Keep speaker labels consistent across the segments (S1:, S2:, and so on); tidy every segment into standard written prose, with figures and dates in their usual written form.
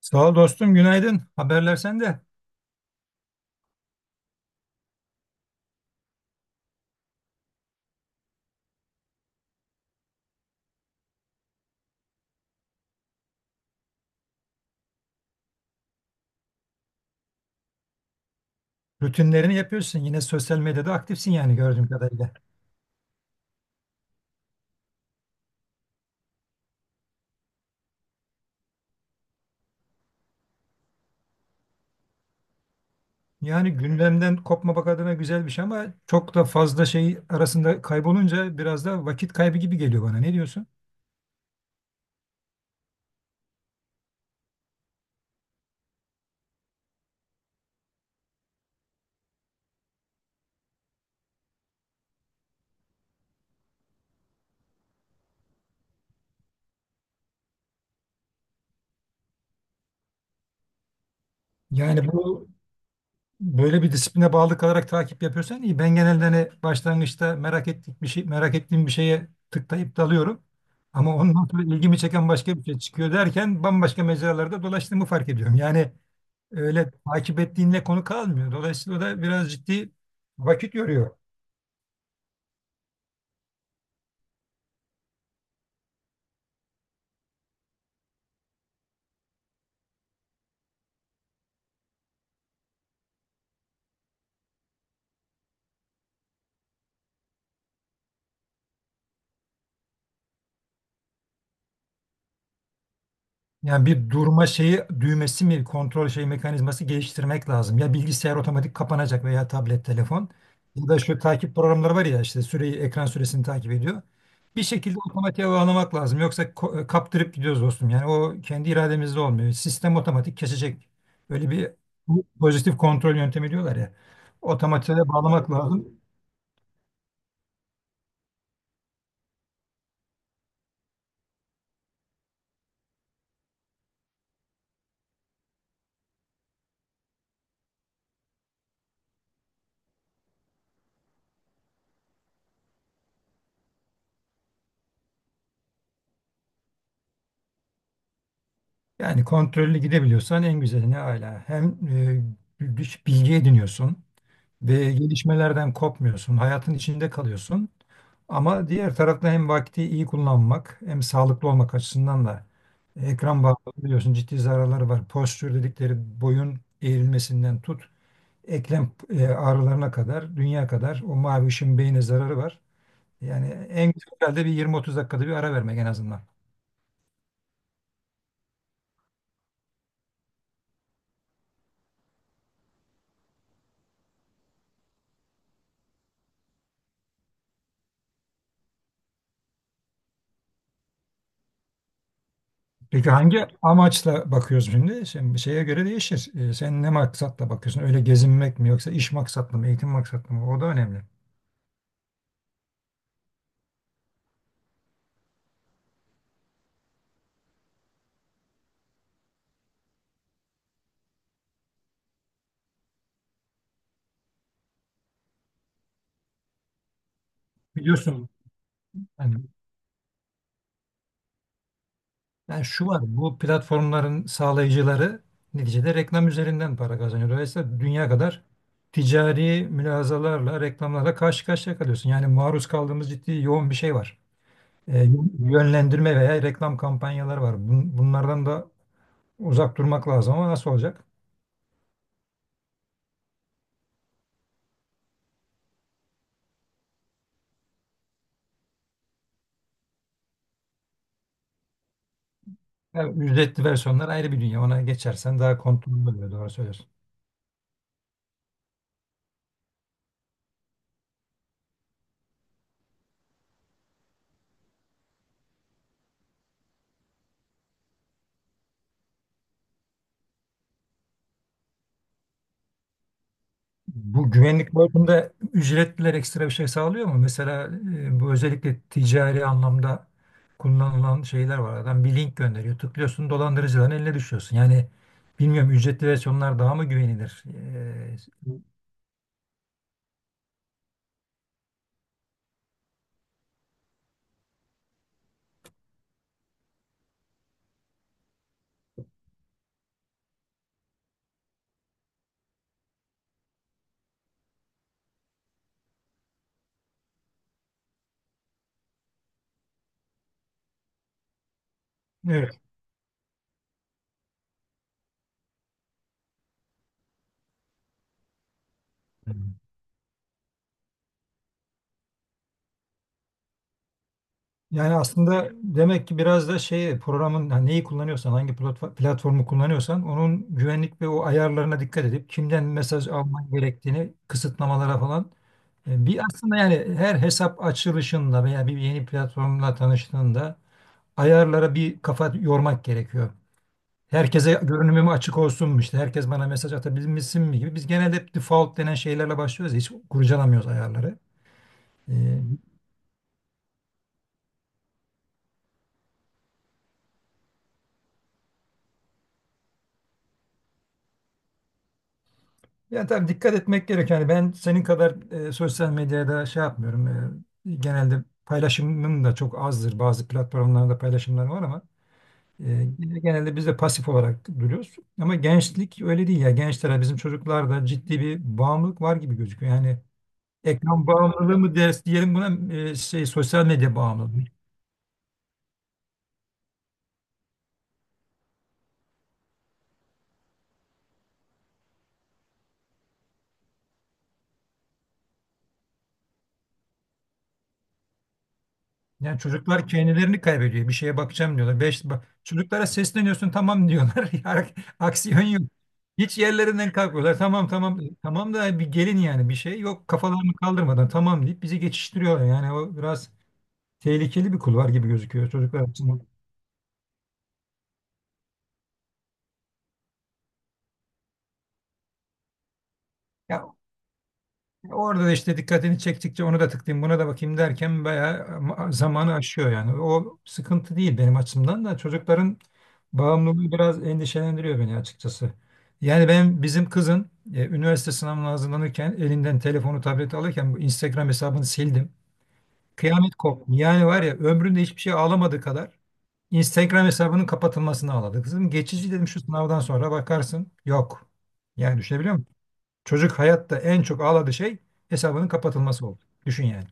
S1: Sağ ol dostum, günaydın. Haberler sende. Rutinlerini yapıyorsun. Yine sosyal medyada aktifsin yani gördüğüm kadarıyla. Yani gündemden kopmamak adına güzel bir şey ama çok da fazla şey arasında kaybolunca biraz da vakit kaybı gibi geliyor bana. Ne diyorsun? Yani bu böyle bir disipline bağlı kalarak takip yapıyorsan iyi. Ben genelde hani başlangıçta merak ettik bir şey, merak ettiğim bir şeye tıklayıp dalıyorum. Ama ondan sonra ilgimi çeken başka bir şey çıkıyor derken bambaşka mecralarda dolaştığımı fark ediyorum. Yani öyle takip ettiğinle konu kalmıyor. Dolayısıyla da biraz ciddi vakit yoruyor. Yani bir durma şeyi düğmesi mi kontrol şey mekanizması geliştirmek lazım. Ya bilgisayar otomatik kapanacak veya tablet, telefon ya da şu takip programları var ya işte süreyi ekran süresini takip ediyor. Bir şekilde otomatiğe bağlamak lazım. Yoksa kaptırıp gidiyoruz dostum. Yani o kendi irademizde olmuyor. Sistem otomatik kesecek. Öyle bir pozitif kontrol yöntemi diyorlar ya. Otomatiğe bağlamak lazım. Yani kontrollü gidebiliyorsan en güzeli ne âlâ. Hem bir bilgi ediniyorsun ve gelişmelerden kopmuyorsun. Hayatın içinde kalıyorsun. Ama diğer tarafta hem vakti iyi kullanmak hem sağlıklı olmak açısından da ekran bağımlı biliyorsun ciddi zararları var. Postür dedikleri boyun eğrilmesinden tut eklem ağrılarına kadar, dünya kadar o mavi ışın beyne zararı var. Yani en güzel herhalde bir 20-30 dakikada bir ara vermek en azından. Peki hangi amaçla bakıyoruz şimdi? Şimdi şeye göre değişir. Sen ne maksatla bakıyorsun? Öyle gezinmek mi yoksa iş maksatlı mı, eğitim maksatlı mı? O da önemli. Biliyorsun yani, yani şu var, bu platformların sağlayıcıları neticede reklam üzerinden para kazanıyor. Dolayısıyla dünya kadar ticari mülazalarla, reklamlarla karşı karşıya kalıyorsun. Yani maruz kaldığımız ciddi yoğun bir şey var. Ee, Yönlendirme veya reklam kampanyaları var. Bunlardan da uzak durmak lazım ama nasıl olacak? Ya, ücretli versiyonlar ayrı bir dünya. Ona geçersen daha kontrollü oluyor. Doğru söylüyorsun. Bu güvenlik boyutunda ücretliler ekstra bir şey sağlıyor mu? Mesela bu özellikle ticari anlamda kullanılan şeyler var. Adam bir link gönderiyor. Tıklıyorsun dolandırıcıların eline düşüyorsun. Yani bilmiyorum ücretli versiyonlar daha mı güvenilir? E, evet. Yani aslında demek ki biraz da şey programın yani neyi kullanıyorsan hangi platformu kullanıyorsan onun güvenlik ve o ayarlarına dikkat edip kimden mesaj alman gerektiğini kısıtlamalara falan bir aslında yani her hesap açılışında veya bir yeni platformla tanıştığında ayarlara bir kafa yormak gerekiyor. Herkese görünümüm açık olsun mu işte herkes bana mesaj atabilmişsin mi gibi biz genelde hep default denen şeylerle başlıyoruz ya, hiç kurcalamıyoruz ayarları. E, Yani tabii dikkat etmek gerekiyor. Yani ben senin kadar sosyal medyada şey yapmıyorum. Genelde paylaşımım da çok azdır. Bazı platformlarda paylaşımlar var ama e, genelde biz de pasif olarak duruyoruz. Ama gençlik öyle değil ya. Gençlere bizim çocuklarda ciddi bir bağımlılık var gibi gözüküyor. Yani ekran bağımlılığı mı ders diyelim buna şey sosyal medya bağımlılığı. Yani çocuklar kendilerini kaybediyor. Bir şeye bakacağım diyorlar. Beş, bak, çocuklara sesleniyorsun tamam diyorlar. Ya, aksiyon yok. Hiç yerlerinden kalkmıyorlar. Tamam tamam. Tamam da bir gelin yani bir şey yok. Kafalarını kaldırmadan tamam deyip bizi geçiştiriyorlar. Yani o biraz tehlikeli bir kulvar gibi gözüküyor çocuklar açısından. Ya, orada da işte dikkatini çektikçe onu da tıklayayım, buna da bakayım derken bayağı zamanı aşıyor yani. O sıkıntı değil benim açımdan da çocukların bağımlılığı biraz endişelendiriyor beni açıkçası. Yani ben bizim kızın üniversite sınavına hazırlanırken elinden telefonu, tableti alırken bu Instagram hesabını sildim. Kıyamet koptu. Yani var ya ömründe hiçbir şey ağlamadığı kadar Instagram hesabının kapatılmasını ağladı. Kızım geçici dedim şu sınavdan sonra bakarsın. Yok. Yani düşünebiliyor çocuk hayatta en çok ağladığı şey hesabının kapatılması oldu. Düşün yani.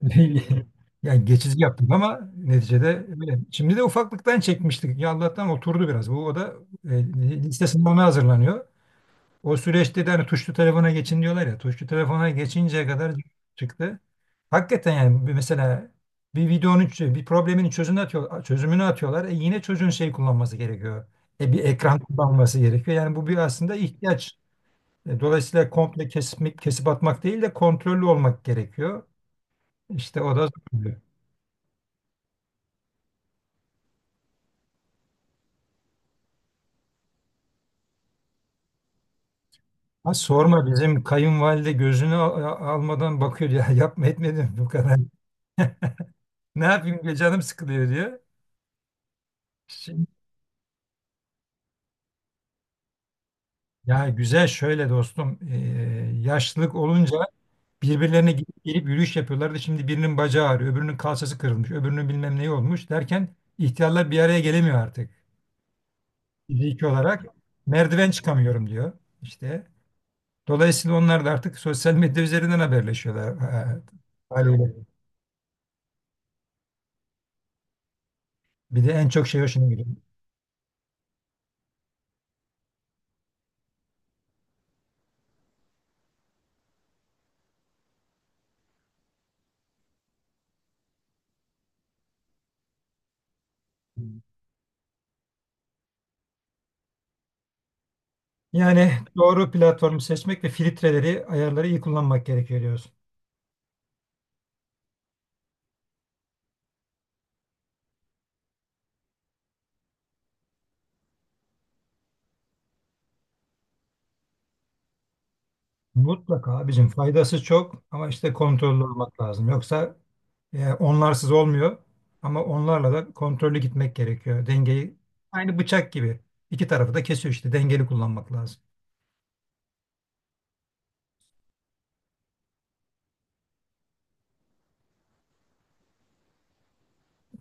S1: Yani geçici yaptık ama neticede öyle. Şimdi de ufaklıktan çekmiştik. Ya Allah'tan oturdu biraz. Bu o da e, lise sınavına hazırlanıyor. O süreçte de hani tuşlu telefona geçin diyorlar ya. Tuşlu telefona geçinceye kadar çıktı. Hakikaten yani mesela bir problemin çözümünü atıyor, çözümünü atıyorlar. E yine çocuğun şey kullanması gerekiyor. E bir ekran kullanması gerekiyor. Yani bu bir aslında ihtiyaç. Dolayısıyla komple kesip, kesip atmak değil de kontrollü olmak gerekiyor. İşte o da zorluyor. Ha, sorma bizim kayınvalide gözünü almadan bakıyor ya yapma etmedim bu kadar. Ne yapayım be, canım sıkılıyor diyor. Şimdi, ya güzel şöyle dostum yaşlılık olunca birbirlerine gidip gelip yürüyüş yapıyorlardı. Şimdi birinin bacağı ağrıyor, öbürünün kalçası kırılmış, öbürünün bilmem neyi olmuş derken ihtiyarlar bir araya gelemiyor artık. Fiziki olarak merdiven çıkamıyorum diyor. İşte dolayısıyla onlar da artık sosyal medya üzerinden haberleşiyorlar ha, haliyle. Bir de en çok şey hoşuna gidiyor. Yani doğru platformu seçmek ve filtreleri, ayarları iyi kullanmak gerekiyor diyorsun. Mutlaka bizim faydası çok ama işte kontrollü olmak lazım. Yoksa onlarsız olmuyor ama onlarla da kontrollü gitmek gerekiyor. Dengeyi aynı bıçak gibi. İki tarafı da kesiyor işte. Dengeli kullanmak lazım.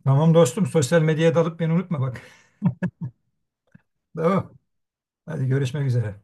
S1: Tamam dostum sosyal medyaya dalıp beni unutma bak. Tamam. Hadi görüşmek üzere.